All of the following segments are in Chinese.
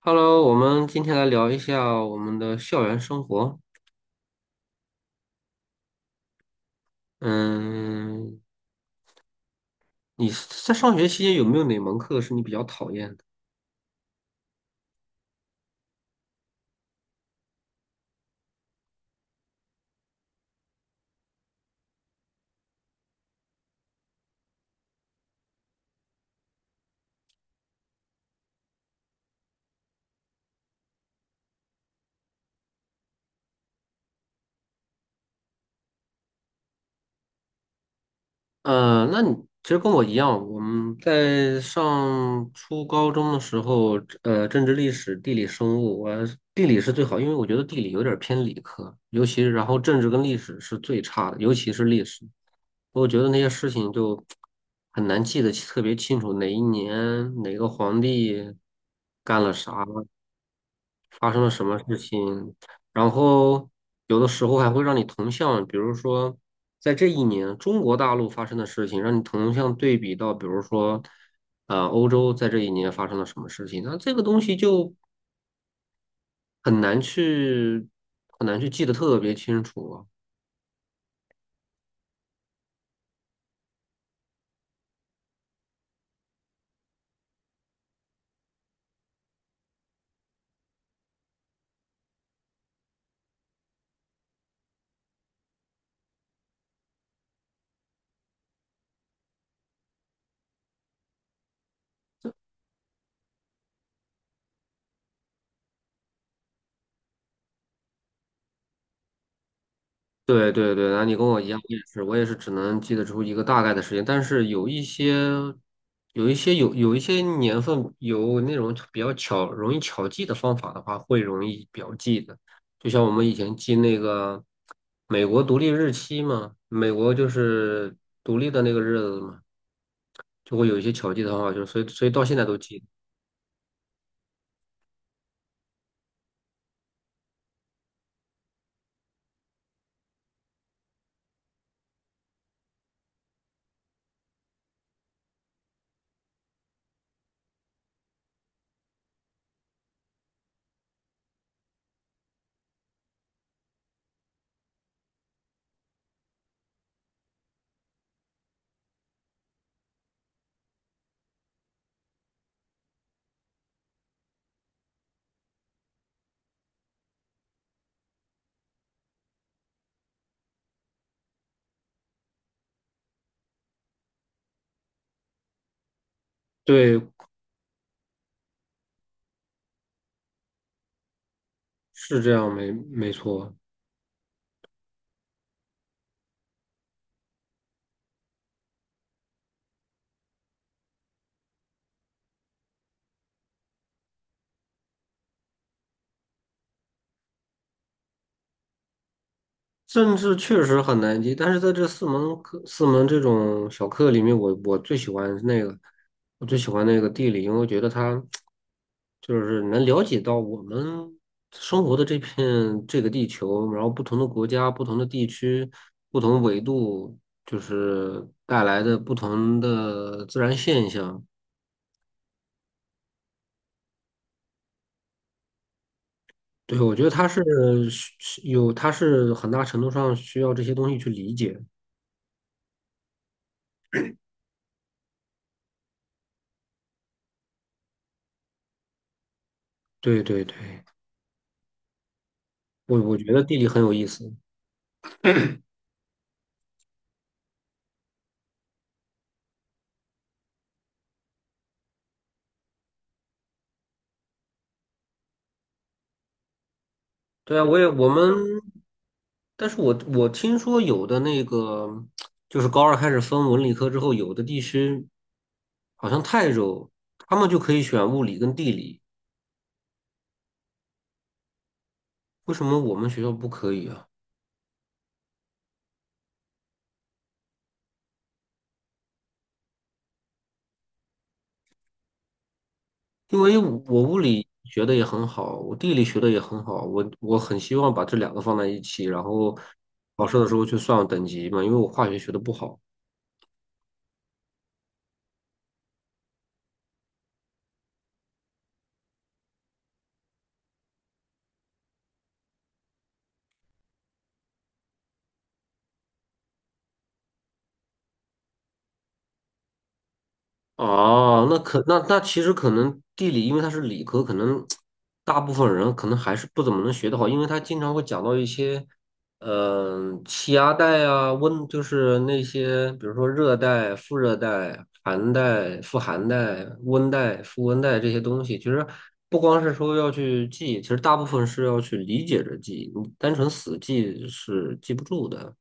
Hello，我们今天来聊一下我们的校园生活。嗯，你在上学期间有没有哪门课是你比较讨厌的？那你其实跟我一样，我们在上初高中的时候，政治、历史、地理、生物，我地理是最好，因为我觉得地理有点儿偏理科，尤其然后政治跟历史是最差的，尤其是历史，我觉得那些事情就很难记得特别清楚，哪一年哪个皇帝干了啥，发生了什么事情，然后有的时候还会让你同向，比如说在这一年中国大陆发生的事情，让你同向对比到，比如说欧洲在这一年发生了什么事情，那这个东西就很难去很难去记得特别清楚啊。对对对，那你跟我一样，我也是只能记得出一个大概的时间，但是有一些年份有那种比较巧容易巧记的方法的话，会容易表记的。就像我们以前记那个美国独立日期嘛，美国就是独立的那个日子嘛，就会有一些巧记的方法，就是所以到现在都记得。对，是这样，没错。政治确实很难记，但是在这四门课、四门这种小课里面，我最喜欢那个地理，因为我觉得它就是能了解到我们生活的这个地球，然后不同的国家、不同的地区、不同纬度，就是带来的不同的自然现象。对，我觉得它是需需有，它是很大程度上需要这些东西去理解。对对对，我觉得地理很有意思。对啊，我也我们，但是我听说有的那个，就是高二开始分文理科之后，有的地区好像泰州，他们就可以选物理跟地理，为什么我们学校不可以啊？因为我物理学的也很好，我地理学的也很好，我很希望把这两个放在一起，然后考试的时候去算等级嘛，因为我化学学的不好。哦，那其实可能地理，因为它是理科，大部分人可能还是不怎么能学得好，因为他经常会讲到一些，气压带啊，温就是那些，比如说热带、副热带、寒带、副寒带、温带、副温带这些东西。其实不光是说要去记，其实大部分是要去理解着记，你单纯死记是记不住的。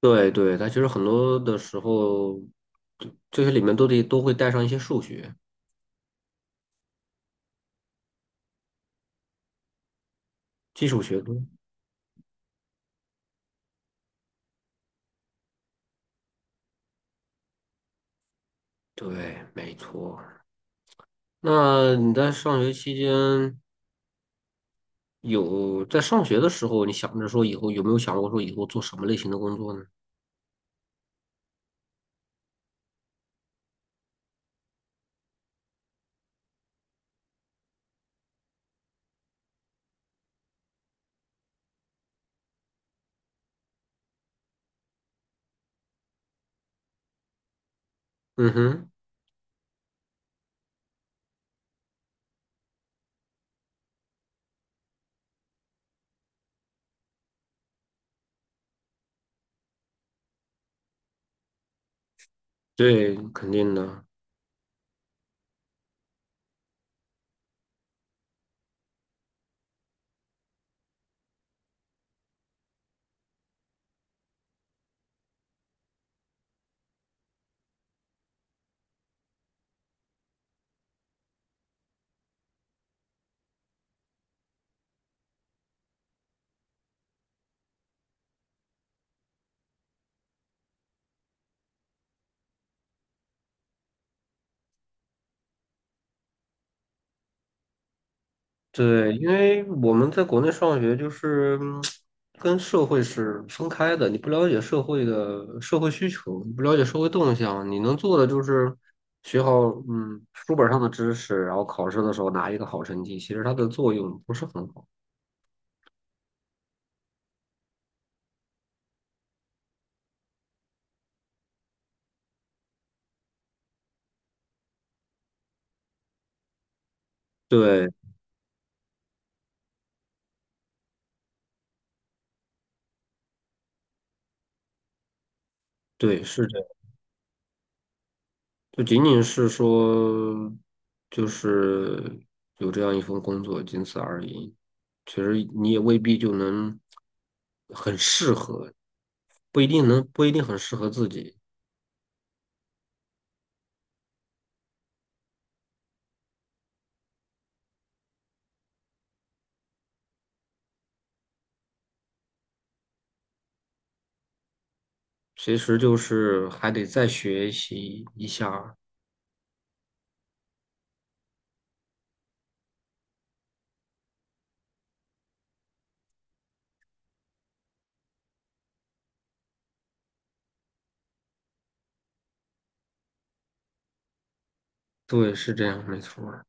对对，它其实很多的时候，这些里面都会带上一些数学、基础学科。对，没错。那你在上学期间有在上学的时候，你想着说以后有没有想过说以后做什么类型的工作呢？嗯哼，对，肯定的。对，因为我们在国内上学就是跟社会是分开的，你不了解社会的社会需求，你不了解社会动向，你能做的就是学好书本上的知识，然后考试的时候拿一个好成绩，其实它的作用不是很好。对对，是这。就仅仅是说，就是有这样一份工作，仅此而已。其实你也未必就能很适合，不一定很适合自己。其实就是还得再学习一下儿对，是这样，没错儿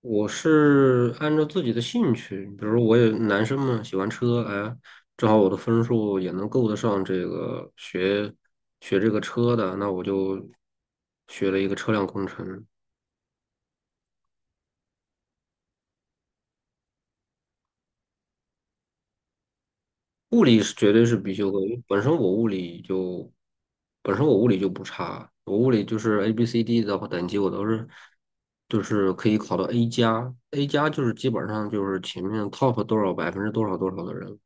我是按照自己的兴趣，比如我也男生嘛，喜欢车，哎，正好我的分数也能够得上学这个车的，那我就学了一个车辆工程。物理是绝对是必修课，因为本身我物理就不差，我物理就是 ABCD 的话等级我都是就是可以考到 A 加，A 加就是基本上就是前面 top 多少百分之多少多少的人。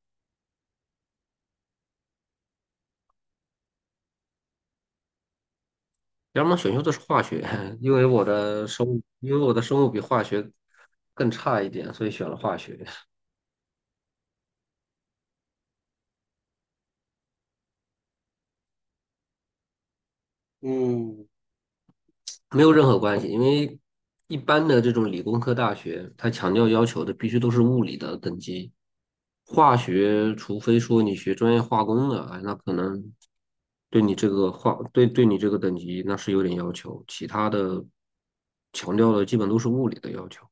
要么选修的是化学，因为我的生物比化学更差一点，所以选了化学，嗯没有任何关系。因为一般的这种理工科大学，它强调要求的必须都是物理的等级，化学除非说你学专业化工的，哎那可能对你这个化，对你这个等级那是有点要求，其他的强调的基本都是物理的要求，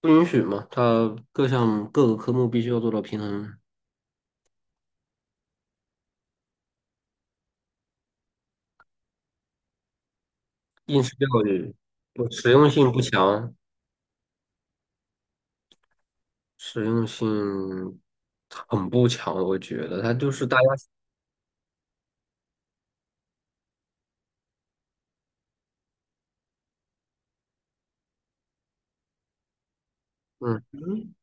不允许嘛，它各项各个科目必须要做到平衡。应试教育我实用性不强，实用性很不强，我觉得它就是大家，嗯，嗯，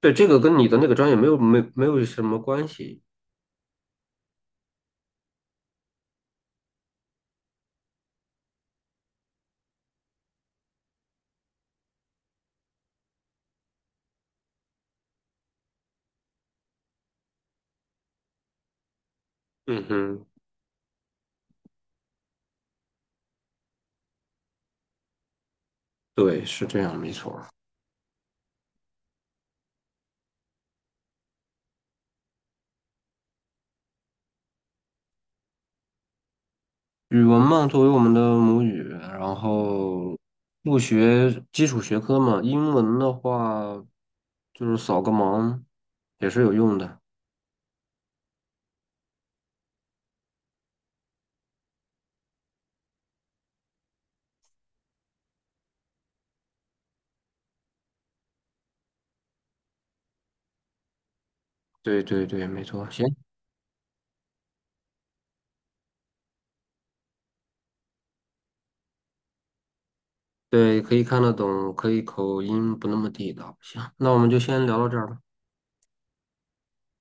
对，这个跟你的那个专业没有什么关系，嗯哼，对，是这样，没错。语文嘛，作为我们的母语，然后不学基础学科嘛，英文的话就是扫个盲也是有用的，对对对，没错。行。对，可以看得懂，可以口音不那么地道。行，那我们就先聊到这儿吧。